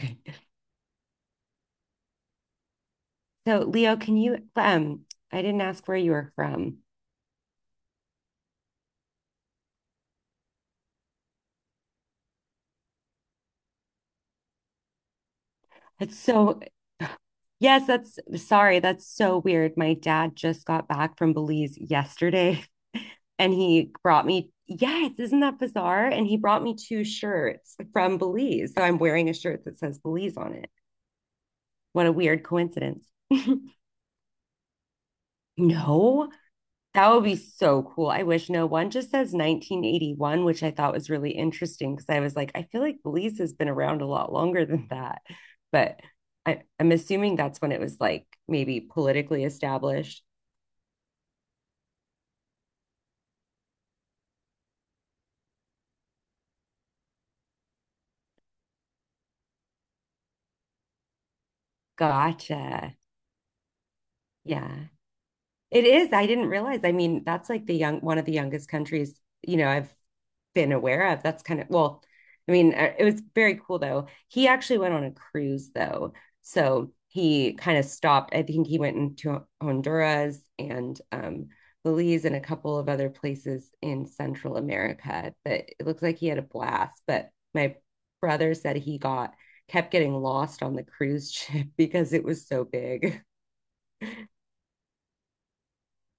Okay. So, Leo, can you? I didn't ask where you were from. That's so, yes, that's sorry. That's so weird. My dad just got back from Belize yesterday and he brought me, yes, isn't that bizarre? And he brought me two shirts from Belize. So, I'm wearing a shirt that says Belize on it. What a weird coincidence. No. That would be so cool. I wish no one just says 1981, which I thought was really interesting because I was like, I feel like Belize has been around a lot longer than that. But I'm assuming that's when it was like maybe politically established. Gotcha. Yeah. It is. I didn't realize. I mean, that's like the young one of the youngest countries, I've been aware of. That's kind of well, I mean, it was very cool though. He actually went on a cruise though. So he kind of stopped. I think he went into Honduras and Belize and a couple of other places in Central America. But it looks like he had a blast. But my brother said he got kept getting lost on the cruise ship because it was so big.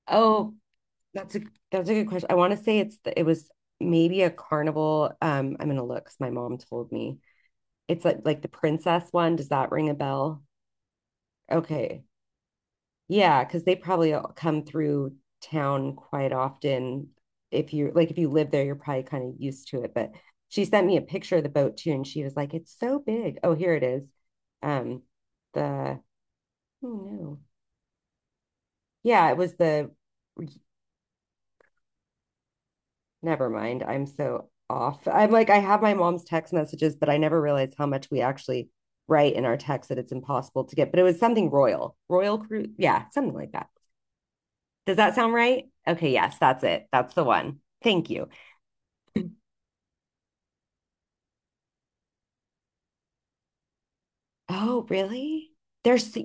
Oh, that's a that's a good question. I want to say it's the, it was maybe a carnival. I'm gonna look 'cause my mom told me. It's like the princess one. Does that ring a bell? Okay. Yeah, because they probably all come through town quite often. If you like if you live there, you're probably kind of used to it. But she sent me a picture of the boat too, and she was like, it's so big. Oh, here it is. Um, the oh no. Yeah, it was the never mind. I'm so off. I'm like, I have my mom's text messages, but I never realized how much we actually write in our text that it's impossible to get. But it was something royal, royal crew. Yeah, something like that. Does that sound right? Okay, yes, that's it. That's the one. Thank you. Oh, really? There's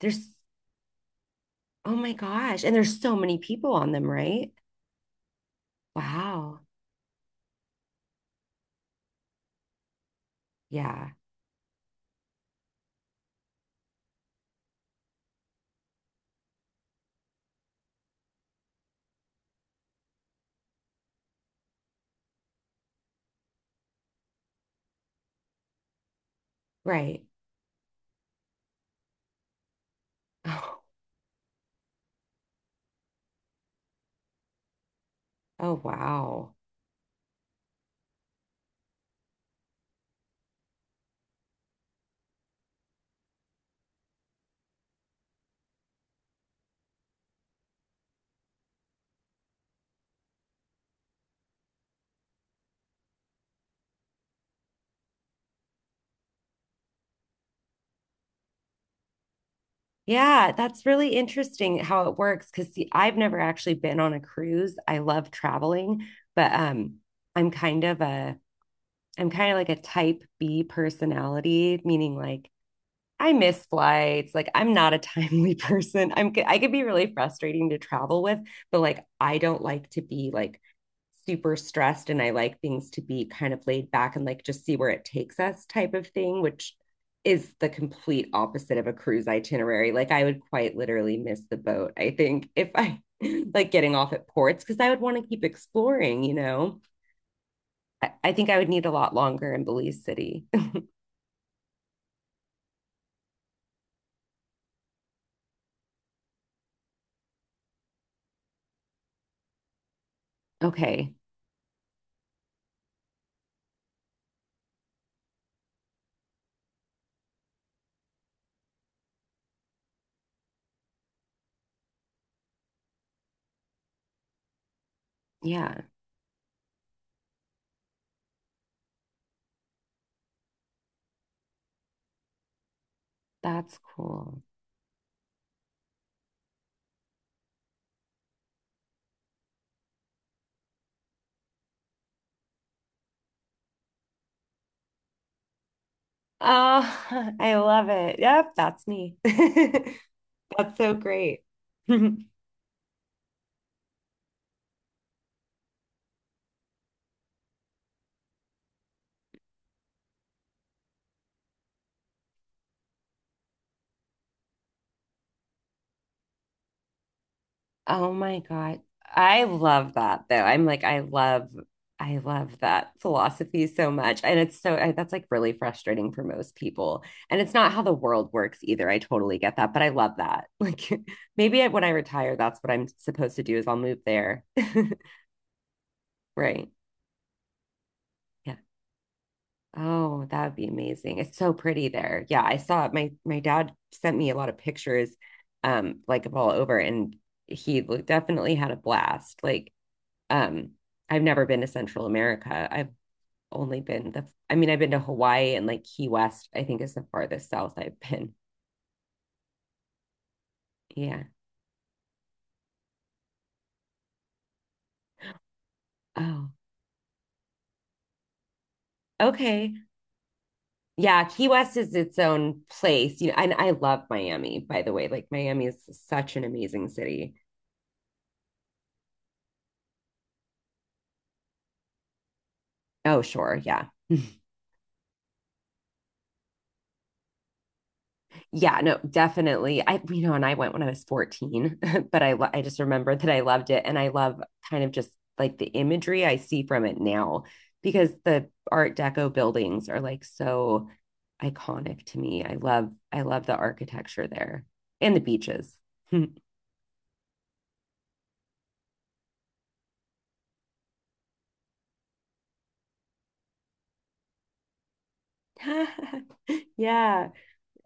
there's oh my gosh. And there's so many people on them, right? Wow. Yeah, right. Oh, oh wow. Yeah, that's really interesting how it works because see, I've never actually been on a cruise. I love traveling, but I'm kind of a I'm kind of like a type B personality, meaning like I miss flights. Like I'm not a timely person. I could be really frustrating to travel with, but like I don't like to be like super stressed and I like things to be kind of laid back and like just see where it takes us type of thing, which is the complete opposite of a cruise itinerary. Like I would quite literally miss the boat, I think, if I like getting off at ports because I would want to keep exploring, you know. I think I would need a lot longer in Belize City. Okay. Yeah, that's cool. Oh, I love it. Yep, that's me. That's so great. Oh my God. I love that though. I love that philosophy so much. And it's so, I, that's like really frustrating for most people. And it's not how the world works either. I totally get that, but I love that. Like maybe I, when I retire, that's what I'm supposed to do is I'll move there. Right. Yeah. Oh, that would be amazing. It's so pretty there. Yeah, I saw it. My dad sent me a lot of pictures like of all over and he lo- definitely had a blast. Like um I've never been to Central America. I mean I've been to Hawaii and like Key West, I think is the farthest south I've been. Yeah. Oh. Okay. Yeah, Key West is its own place. You know, and I love Miami, by the way. Like Miami is such an amazing city. Oh, sure. Yeah. Yeah, no, definitely. I, you know, and I went when I was 14, but I just remember that I loved it. And I love kind of just like the imagery I see from it now because the Art Deco buildings are like so iconic to me. I love the architecture there and the beaches. Yeah.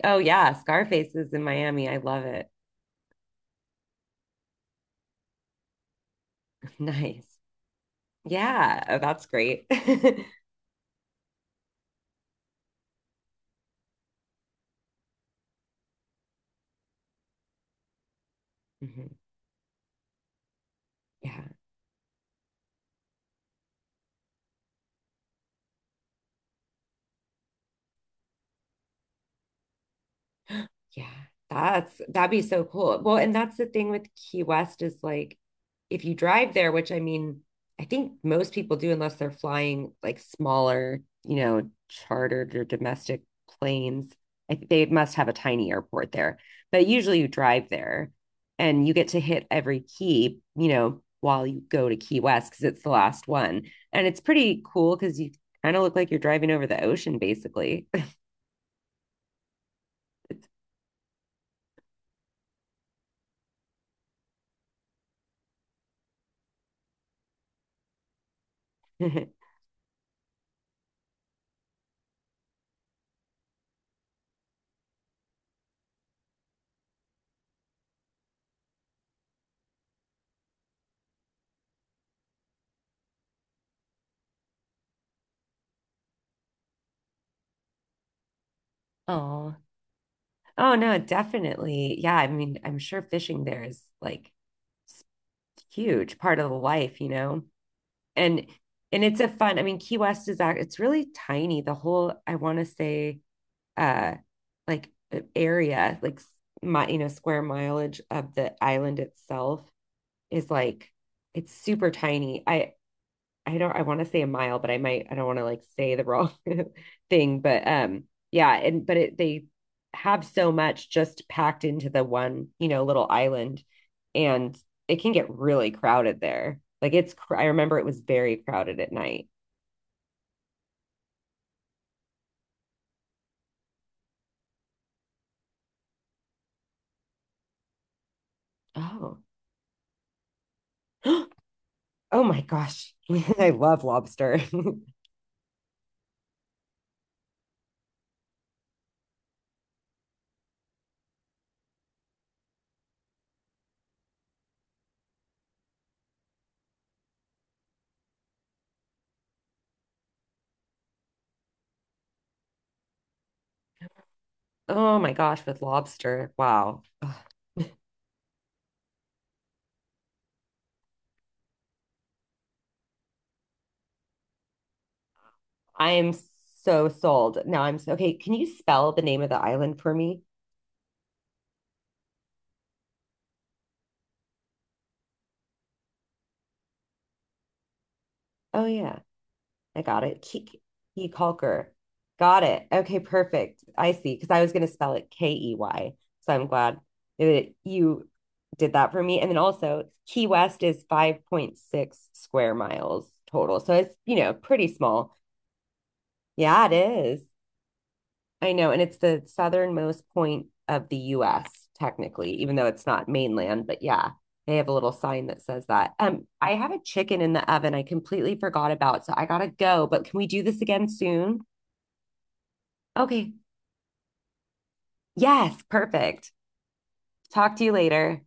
Oh, yeah. Scarface is in Miami. I love it. Nice. Yeah. Oh, that's great. Mhm. Yeah. Yeah, that's that'd be so cool. Well, and that's the thing with Key West is like if you drive there, which I mean, I think most people do unless they're flying like smaller, you know, chartered or domestic planes. I think they must have a tiny airport there. But usually you drive there and you get to hit every key, you know, while you go to Key West because it's the last one. And it's pretty cool because you kind of look like you're driving over the ocean basically it. Oh, oh no, definitely. Yeah, I mean, I'm sure fishing there is like s- huge part of the life, you know. And and it's a fun, I mean, Key West is act it's really tiny. The whole I want to say uh area, you know, square mileage of the island itself is like it's super tiny. I don't I want to say a mile, but I don't want to like say the wrong thing, but yeah, and but it, they have so much just packed into the one, you know, little island and it can get really crowded there. Like it's cr- I remember it was very crowded at night. Oh. Oh my gosh. I love lobster. Oh my gosh, with lobster. Wow. Ugh. I am so sold. Now I'm so, okay. Can you spell the name of the island for me? Oh, yeah. I got it. Ke- Key Kalker. Got it. Okay, perfect. I see. Because I was going to spell it KEY. So I'm glad that you did that for me. And then also, Key West is 5.6 square miles total. So it's, you know, pretty small. Yeah, it is. I know, and it's the southernmost point of the US, technically, even though it's not mainland, but yeah, they have a little sign that says that. I have a chicken in the oven I completely forgot about, so I gotta go, but can we do this again soon? Okay. Yes, perfect. Talk to you later.